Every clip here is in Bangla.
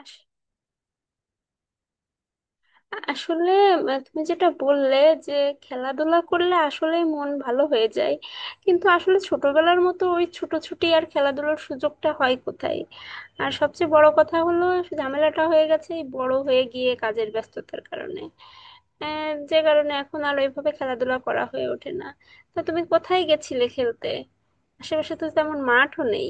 আস- তুমি যেটা বললে, যে খেলাধুলা করলে আসলে মন ভালো হয়ে যায়। কিন্তু আসলে ছোটবেলার মতো ওই ছুটোছুটি আর খেলাধুলার সুযোগটা হয় কোথায়? আর সবচেয়ে বড় কথা হলো, ঝামেলাটা হয়ে গেছে এই বড় হয়ে গিয়ে কাজের ব্যস্ততার কারণে। যে কারণে এখন আর ওইভাবে খেলাধুলা করা হয়ে ওঠে না। তা তুমি কোথায় গেছিলে খেলতে? আশেপাশে তো তেমন মাঠও নেই।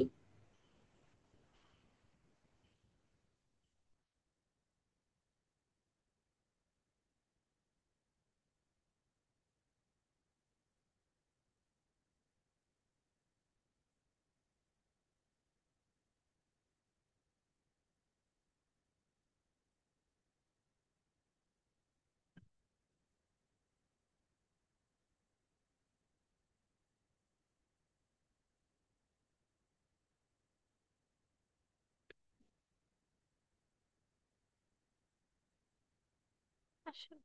আসলে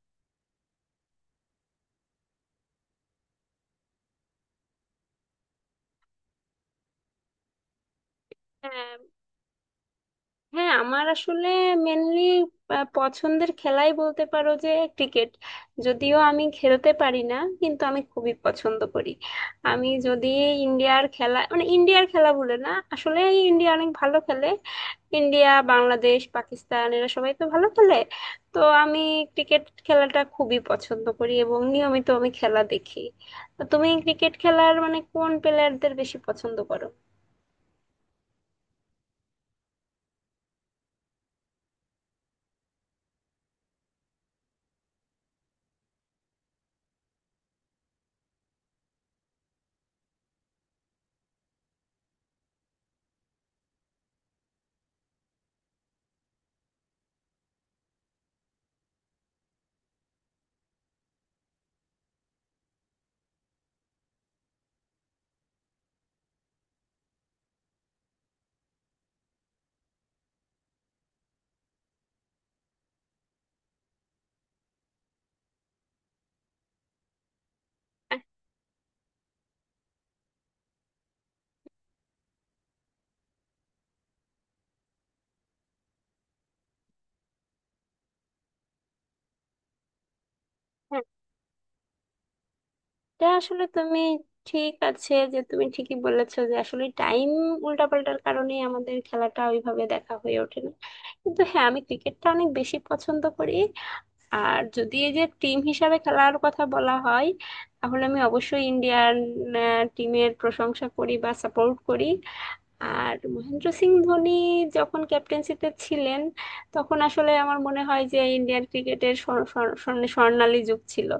হ্যাঁ, আমার আসলে মেনলি পছন্দের খেলাই বলতে পারো যে ক্রিকেট। যদিও আমি খেলতে পারি না, কিন্তু আমি খুবই পছন্দ করি। আমি যদি ইন্ডিয়ার খেলা মানে ইন্ডিয়ার খেলা বলে না আসলে, ইন্ডিয়া অনেক ভালো খেলে। ইন্ডিয়া, বাংলাদেশ, পাকিস্তান এরা সবাই তো ভালো খেলে। তো আমি ক্রিকেট খেলাটা খুবই পছন্দ করি এবং নিয়মিত আমি খেলা দেখি। তো তুমি ক্রিকেট খেলার মানে কোন প্লেয়ারদের বেশি পছন্দ করো? এটা আসলে তুমি ঠিক আছে, যে তুমি ঠিকই বলেছো যে আসলে টাইম উল্টাপাল্টার কারণেই আমাদের খেলাটা ওইভাবে দেখা হয়ে ওঠে না। কিন্তু হ্যাঁ, আমি ক্রিকেটটা অনেক বেশি পছন্দ করি। আর যদি এই যে টিম হিসাবে খেলার কথা বলা হয়, তাহলে আমি অবশ্যই ইন্ডিয়ান টিমের প্রশংসা করি বা সাপোর্ট করি। আর মহেন্দ্র সিং ধোনি যখন ক্যাপ্টেন্সিতে ছিলেন, তখন আসলে আমার মনে হয় যে ইন্ডিয়ান ক্রিকেটের স্বর্ণালী যুগ ছিল।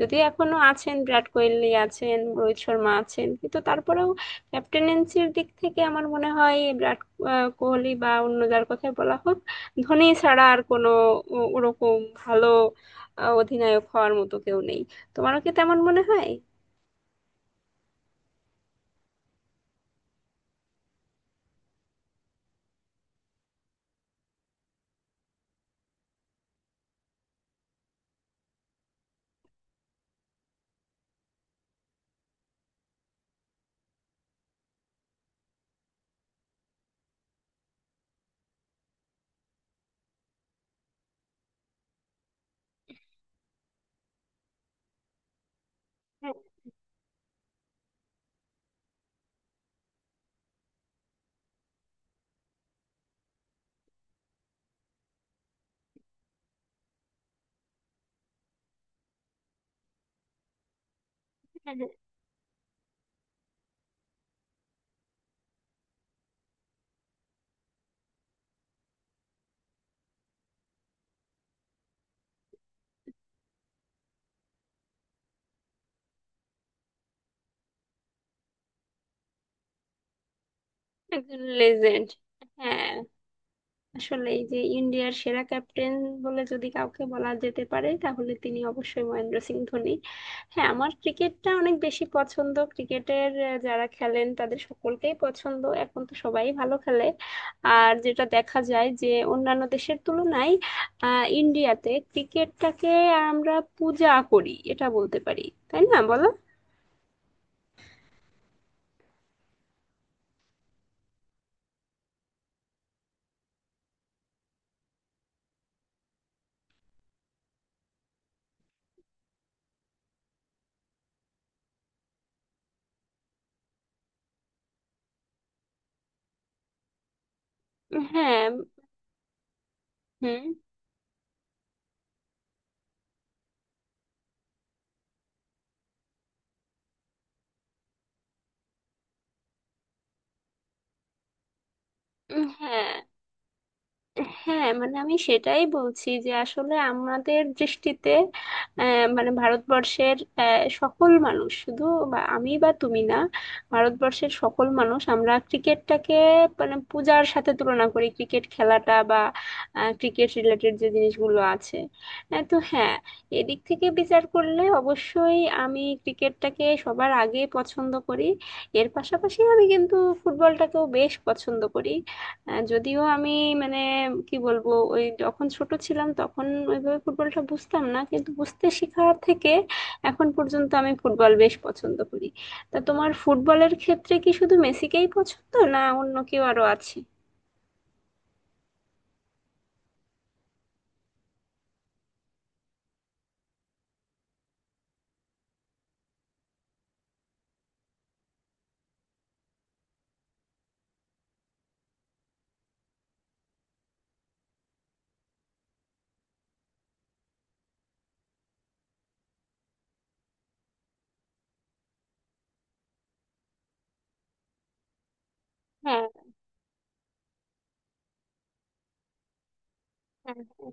যদিও এখনো আছেন, বিরাট কোহলি আছেন, রোহিত শর্মা আছেন, কিন্তু তারপরেও ক্যাপ্টেনেন্সির দিক থেকে আমার মনে হয় বিরাট কোহলি বা অন্য যার কথাই বলা হোক, ধোনি ছাড়া আর কোনো ওরকম ভালো অধিনায়ক হওয়ার মতো কেউ নেই। তোমারও কি তেমন মনে হয়? হ্যাঁ। হ্যাঁ, হ্যাঁ, একজন লেজেন্ড। হ্যাঁ, আসলে এই যে ইন্ডিয়ার সেরা ক্যাপ্টেন বলে যদি কাউকে বলা যেতে পারে, তাহলে তিনি অবশ্যই মহেন্দ্র সিং ধোনি। হ্যাঁ, আমার ক্রিকেটটা অনেক বেশি পছন্দ, ক্রিকেটের যারা খেলেন তাদের সকলকেই পছন্দ, এখন তো সবাই ভালো খেলে। আর যেটা দেখা যায় যে অন্যান্য দেশের তুলনায় আহ ইন্ডিয়াতে ক্রিকেটটাকে আমরা পূজা করি, এটা বলতে পারি। তাই না, বলো? হ্যাঁ। হুম। হ্যাঁ। হ্যাঁ, মানে আমি সেটাই বলছি যে আসলে আমাদের দৃষ্টিতে মানে ভারতবর্ষের সকল মানুষ, শুধু বা আমি বা তুমি না, ভারতবর্ষের সকল মানুষ আমরা ক্রিকেটটাকে মানে পূজার সাথে তুলনা করি, ক্রিকেট খেলাটা বা ক্রিকেট রিলেটেড যে জিনিসগুলো আছে। তো হ্যাঁ, এদিক থেকে বিচার করলে অবশ্যই আমি ক্রিকেটটাকে সবার আগে পছন্দ করি। এর পাশাপাশি আমি কিন্তু ফুটবলটাকেও বেশ পছন্দ করি। যদিও আমি মানে কি বলবো, ওই যখন ছোট ছিলাম তখন ওইভাবে ফুটবলটা বুঝতাম না, কিন্তু বুঝতে শেখার থেকে এখন পর্যন্ত আমি ফুটবল বেশ পছন্দ করি। তা তোমার ফুটবলের ক্ষেত্রে কি শুধু মেসিকেই পছন্দ না অন্য কেউ আরো আছে? হ্যাঁ। হ্যাঁ। হ্যাঁ।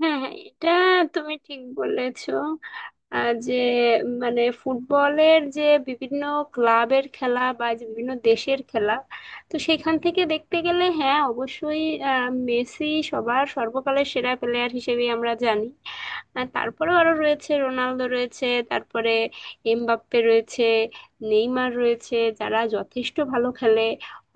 হ্যাঁ, হ্যাঁ, এটা তুমি ঠিক বলেছো। যে মানে ফুটবলের যে বিভিন্ন ক্লাবের খেলা বা যে বিভিন্ন দেশের খেলা, তো সেখান থেকে দেখতে গেলে হ্যাঁ অবশ্যই মেসি সবার সর্বকালের সেরা প্লেয়ার হিসেবে আমরা জানি। আর তারপরেও আরো রয়েছে, রোনালদো রয়েছে, তারপরে এমবাপ্পে রয়েছে, নেইমার রয়েছে, যারা যথেষ্ট ভালো খেলে।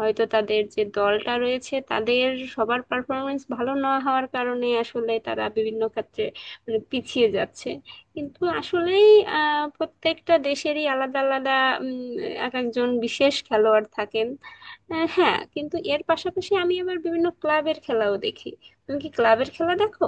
হয়তো তাদের যে দলটা রয়েছে তাদের সবার পারফরমেন্স ভালো না হওয়ার কারণে আসলে তারা বিভিন্ন ক্ষেত্রে মানে পিছিয়ে যাচ্ছে। কিন্তু আসলেই আহ প্রত্যেকটা দেশেরই আলাদা আলাদা উম, এক একজন বিশেষ খেলোয়াড় থাকেন। হ্যাঁ, কিন্তু এর পাশাপাশি আমি আবার বিভিন্ন ক্লাবের খেলাও দেখি। তুমি কি ক্লাবের খেলা দেখো?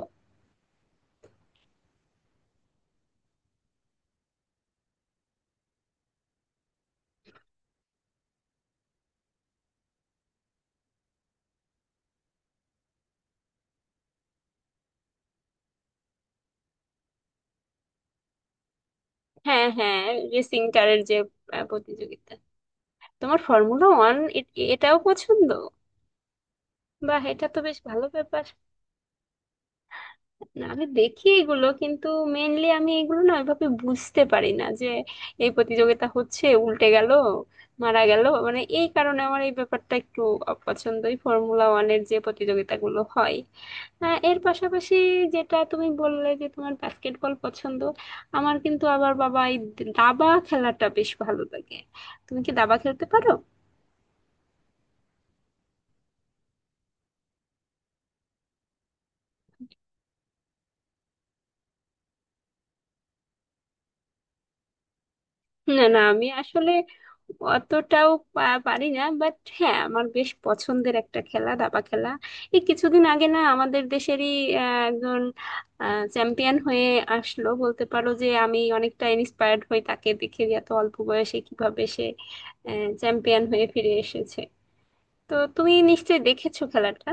হ্যাঁ। হ্যাঁ। রেসিং কারের যে প্রতিযোগিতা, তোমার ফর্মুলা ওয়ান এটাও পছন্দ? বাহ, এটা তো বেশ ভালো ব্যাপার। না, আমি দেখি এগুলো, কিন্তু মেনলি আমি এগুলো না ওইভাবে বুঝতে পারি না যে এই প্রতিযোগিতা হচ্ছে, উল্টে গেল, মারা গেল, মানে এই কারণে আমার এই ব্যাপারটা একটু অপছন্দ, এই ফর্মুলা ওয়ানের যে প্রতিযোগিতাগুলো হয়। হ্যাঁ, এর পাশাপাশি যেটা তুমি বললে যে তোমার বাস্কেটবল পছন্দ, আমার কিন্তু আবার বাবা এই দাবা খেলাটা বেশ ভালো লাগে। তুমি কি দাবা খেলতে পারো? না না, আমি আসলে অতটাও পারি না, বাট হ্যাঁ আমার বেশ পছন্দের একটা খেলা দাবা খেলা। এই কিছুদিন আগে না আমাদের দেশেরই একজন চ্যাম্পিয়ন হয়ে আসলো, বলতে পারো যে আমি অনেকটা ইন্সপায়ার্ড হই তাকে দেখে যে এত অল্প বয়সে কিভাবে সে চ্যাম্পিয়ন হয়ে ফিরে এসেছে। তো তুমি নিশ্চয়ই দেখেছো খেলাটা।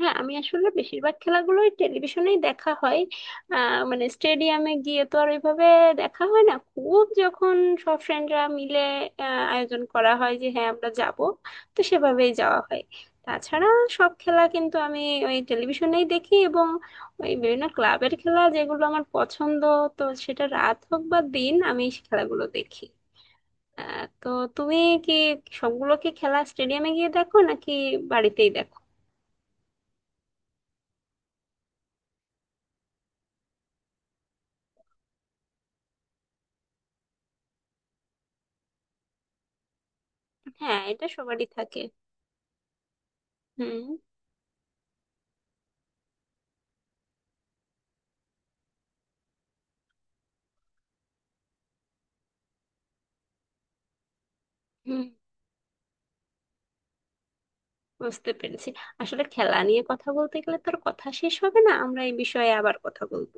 হ্যাঁ, আমি আসলে বেশিরভাগ খেলাগুলোই টেলিভিশনেই দেখা হয়। মানে স্টেডিয়ামে গিয়ে তো আর ওইভাবে দেখা হয় না, খুব যখন সব ফ্রেন্ডরা মিলে আয়োজন করা হয় যে হ্যাঁ আমরা যাব, তো সেভাবেই যাওয়া হয়। তাছাড়া সব খেলা কিন্তু আমি ওই টেলিভিশনেই দেখি, এবং ওই বিভিন্ন ক্লাবের খেলা যেগুলো আমার পছন্দ, তো সেটা রাত হোক বা দিন আমি সেই খেলাগুলো দেখি। তো তুমি কি সবগুলো কি খেলা স্টেডিয়ামে গিয়ে দেখো নাকি বাড়িতেই দেখো? হ্যাঁ, এটা সবারই থাকে। হুম। হুম, বুঝতে পেরেছি। আসলে খেলা নিয়ে কথা বলতে গেলে তো আর কথা শেষ হবে না, আমরা এই বিষয়ে আবার কথা বলবো।